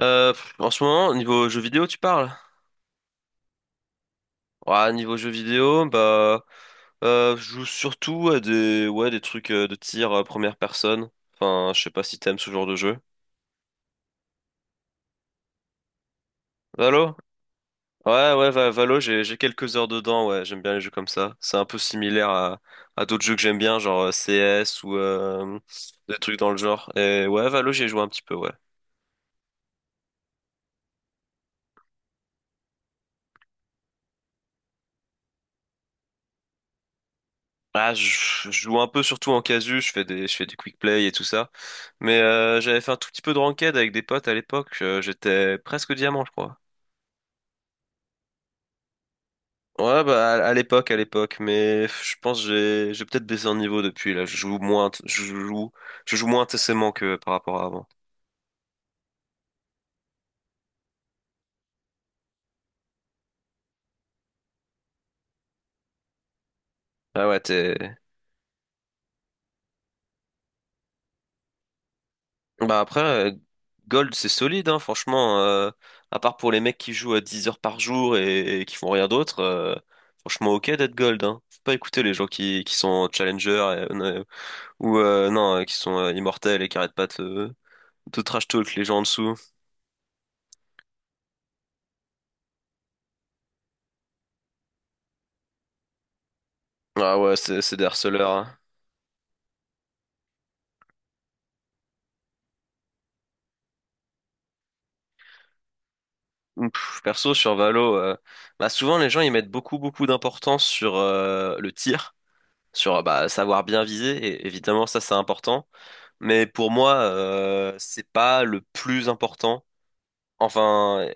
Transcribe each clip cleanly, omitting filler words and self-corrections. En ce moment, niveau jeux vidéo, tu parles? Ouais, niveau jeux vidéo, bah, je joue surtout à des, ouais, des trucs de tir première personne. Enfin, je sais pas si t'aimes ce genre de jeu. Valo? Ouais, ouais, Valo, j'ai quelques heures dedans, ouais, j'aime bien les jeux comme ça. C'est un peu similaire à d'autres jeux que j'aime bien, genre CS ou des trucs dans le genre. Et ouais, Valo, j'ai joué un petit peu, ouais. Ah, je joue un peu surtout en casu, je fais des quick play et tout ça. Mais j'avais fait un tout petit peu de ranked avec des potes à l'époque. J'étais presque diamant, je crois. Ouais, bah à l'époque, à l'époque. Mais je pense que j'ai peut-être baissé en niveau depuis. Là, je joue moins, je joue moins intensément que par rapport à avant. Ah ouais, t'es. Bah après, euh, Gold c'est solide, hein, franchement. À part pour les mecs qui jouent à 10 heures par jour et qui font rien d'autre, franchement ok d'être Gold. Hein. Faut pas écouter les gens qui sont Challenger ou non, qui sont immortels et qui arrêtent pas de trash talk, les gens en dessous. Ah ouais, c'est des harceleurs, hein. Perso, sur Valo, bah souvent les gens ils mettent beaucoup beaucoup d'importance sur le tir, sur bah, savoir bien viser, et évidemment ça c'est important, mais pour moi c'est pas le plus important. Enfin,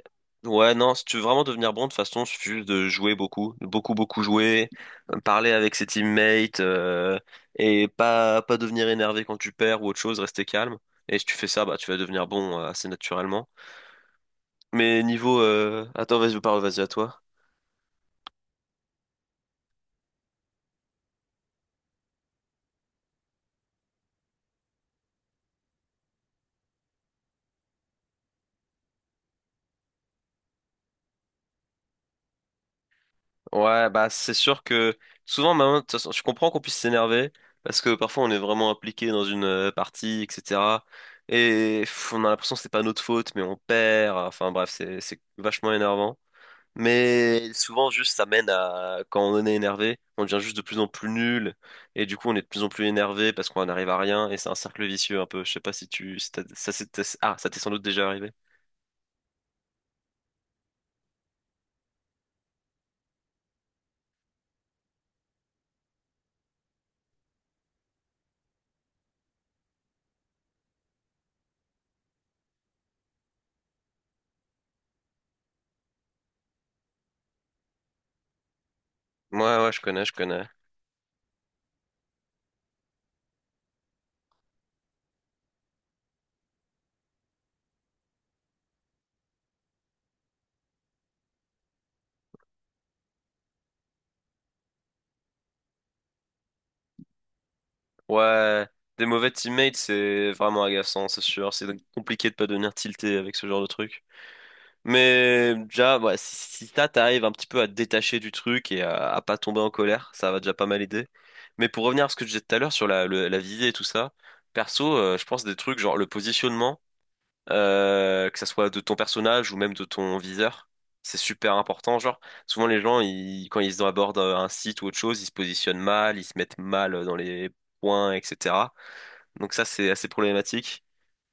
ouais, non, si tu veux vraiment devenir bon, de toute façon, il suffit juste de jouer beaucoup, beaucoup, beaucoup jouer, parler avec ses teammates, et pas devenir énervé quand tu perds ou autre chose, rester calme. Et si tu fais ça, bah, tu vas devenir bon assez naturellement. Mais niveau, attends, vas-y, parle, vas-y à toi. Ouais, bah, c'est sûr que souvent, maintenant, de toute façon, je comprends qu'on puisse s'énerver, parce que parfois, on est vraiment impliqué dans une partie, etc. Et on a l'impression que c'est pas notre faute, mais on perd. Enfin, bref, c'est vachement énervant. Mais souvent, juste, ça mène à, quand on est énervé, on devient juste de plus en plus nul, et du coup, on est de plus en plus énervé parce qu'on n'arrive à rien, et c'est un cercle vicieux un peu. Je sais pas si t'as- ah, ça t'est sans doute déjà arrivé. Ouais, ouais, je connais, je connais. Ouais, des mauvais teammates, c'est vraiment agaçant, c'est sûr. C'est compliqué de pas devenir tilté avec ce genre de truc. Mais déjà, ouais, si t'arrives un petit peu à te détacher du truc et à pas tomber en colère, ça va déjà pas mal aider. Mais pour revenir à ce que je disais tout à l'heure sur la visée et tout ça, perso, je pense des trucs genre le positionnement, que ça soit de ton personnage ou même de ton viseur, c'est super important. Genre, souvent les gens, ils, quand ils abordent un site ou autre chose, ils se positionnent mal, ils se mettent mal dans les points, etc. Donc ça, c'est assez problématique.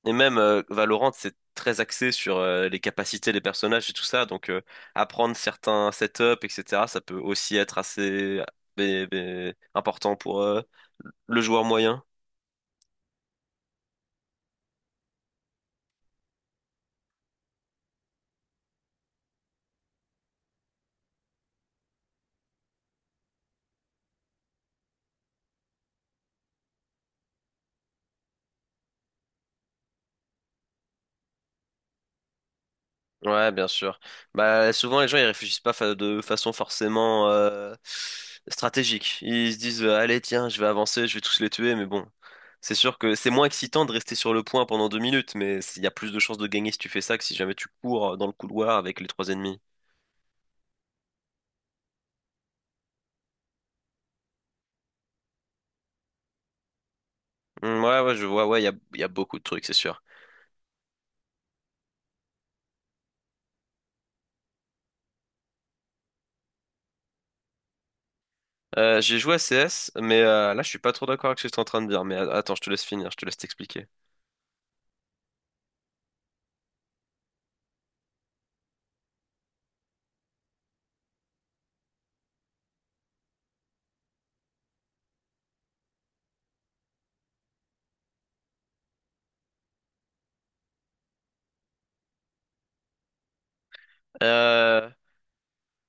Et même Valorant, c'est très axé sur les capacités des personnages et tout ça. Donc apprendre certains setups, etc., ça peut aussi être assez important pour le joueur moyen. Ouais, bien sûr. Bah souvent les gens ils réfléchissent pas de façon forcément stratégique. Ils se disent allez tiens, je vais avancer, je vais tous les tuer, mais bon. C'est sûr que c'est moins excitant de rester sur le point pendant 2 minutes, mais il y a plus de chances de gagner si tu fais ça que si jamais tu cours dans le couloir avec les trois ennemis. Hmm, ouais, ouais, je vois, ouais, y a beaucoup de trucs, c'est sûr. J'ai joué à CS, mais là, je suis pas trop d'accord avec ce que tu es en train de dire. Mais attends, je te laisse finir, je te laisse t'expliquer. Euh,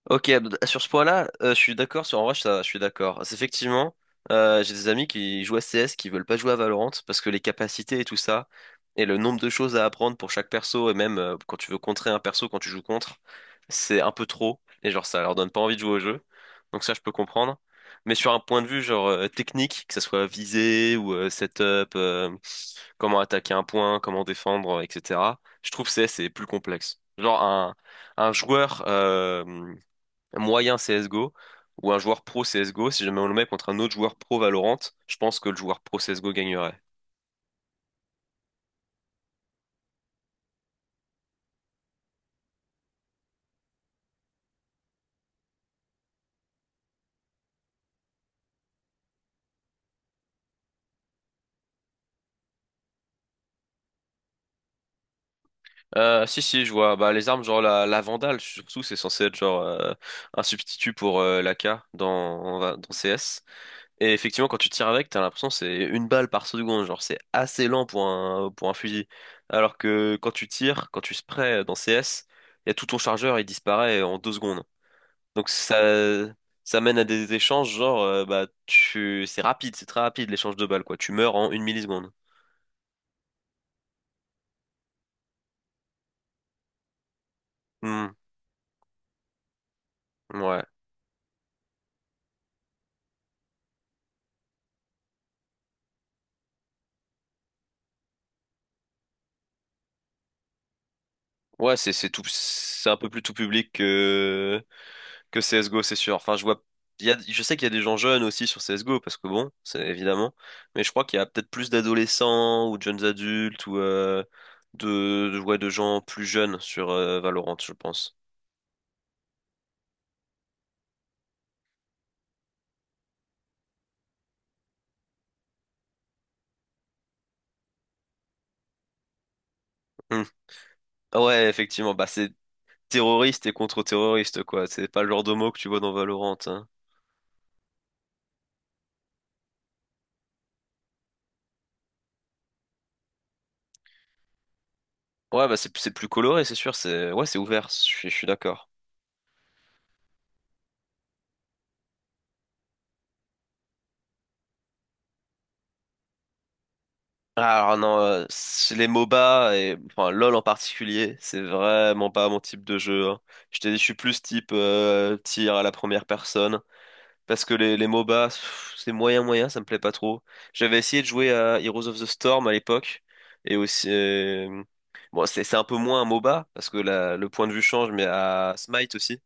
Ok, sur ce point-là, je suis d'accord, sur en vrai, ça, je suis d'accord. C'est effectivement, j'ai des amis qui jouent à CS, qui veulent pas jouer à Valorant, parce que les capacités et tout ça, et le nombre de choses à apprendre pour chaque perso, et même quand tu veux contrer un perso, quand tu joues contre, c'est un peu trop, et genre ça leur donne pas envie de jouer au jeu. Donc ça, je peux comprendre. Mais sur un point de vue genre technique, que ça soit visée ou setup, comment attaquer un point, comment défendre, etc., je trouve CS est plus complexe. Genre un joueur... moyen CSGO ou un joueur pro CSGO, si jamais on le met contre un autre joueur pro Valorant, je pense que le joueur pro CSGO gagnerait. Si je vois bah les armes genre la Vandale surtout c'est censé être genre un substitut pour l'AK dans CS et effectivement quand tu tires avec t'as l'impression que c'est une balle par seconde genre c'est assez lent pour un fusil alors que quand tu sprays dans CS il y a tout ton chargeur il disparaît en 2 secondes. Donc ça mène à des échanges genre bah tu c'est rapide, c'est très rapide l'échange de balles quoi. Tu meurs en 1 milliseconde. Hmm, ouais. Ouais, c'est un peu plus tout public que CS:GO, c'est sûr. Enfin, je vois je sais qu'il y a des gens jeunes aussi sur CS:GO parce que bon, c'est évidemment, mais je crois qu'il y a peut-être plus d'adolescents ou de jeunes adultes ou de ouais, de gens plus jeunes sur Valorant, je pense. Hmm. Ah ouais, effectivement, bah c'est terroriste et contre-terroriste, quoi. C'est pas le genre de mot que tu vois dans Valorant, hein. Ouais, bah c'est plus coloré, c'est sûr. C'est ouvert. Je suis d'accord. Ah, alors non, c'est les MOBA et enfin LoL en particulier, c'est vraiment pas mon type de jeu. Hein. Je t'ai dit, je suis plus type tir à la première personne parce que les MOBA, c'est moyen moyen, ça me plaît pas trop. J'avais essayé de jouer à Heroes of the Storm à l'époque et aussi bon, c'est un peu moins un MOBA parce que le point de vue change, mais à Smite aussi.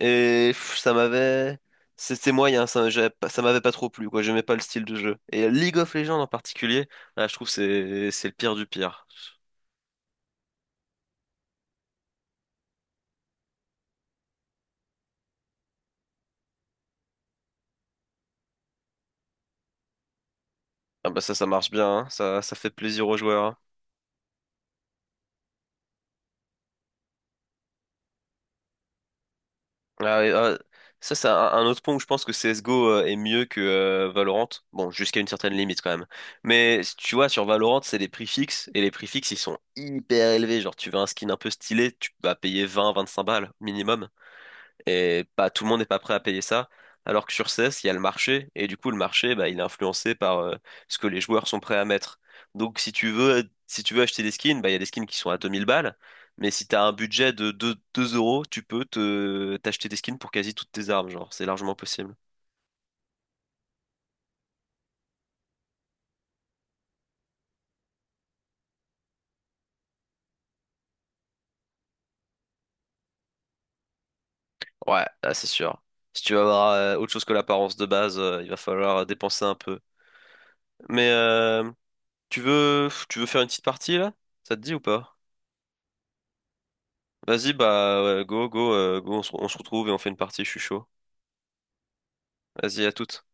Et ça m'avait. C'était moyen, ça, j'avais pas- ça m'avait pas trop plu, quoi. J'aimais pas le style de jeu. Et League of Legends en particulier, là, je trouve que c'est le pire du pire. Ah bah ça, ça marche bien, hein. Ça fait plaisir aux joueurs, hein. Ah, et, ah, ça, c'est un autre point où je pense que CSGO est mieux que Valorant. Bon, jusqu'à une certaine limite quand même. Mais tu vois, sur Valorant, c'est les prix fixes, et les prix fixes, ils sont hyper élevés. Genre, tu veux un skin un peu stylé, tu vas payer 20, 25 balles minimum. Et pas tout le monde n'est pas prêt à payer ça. Alors que sur CS, il y a le marché. Et du coup, le marché, bah, il est influencé par ce que les joueurs sont prêts à mettre. Donc, si tu veux acheter des skins, bah, il y a des skins qui sont à 2 000 balles. Mais si tu as un budget de deux euros, tu peux t'acheter des skins pour quasi toutes tes armes. Genre, c'est largement possible. Ouais, là, c'est sûr. Si tu veux avoir autre chose que l'apparence de base, il va falloir dépenser un peu. Mais tu veux faire une petite partie là? Ça te dit ou pas? Vas-y, bah, ouais, go, go, go, on se retrouve et on fait une partie, je suis chaud. Vas-y, à toutes.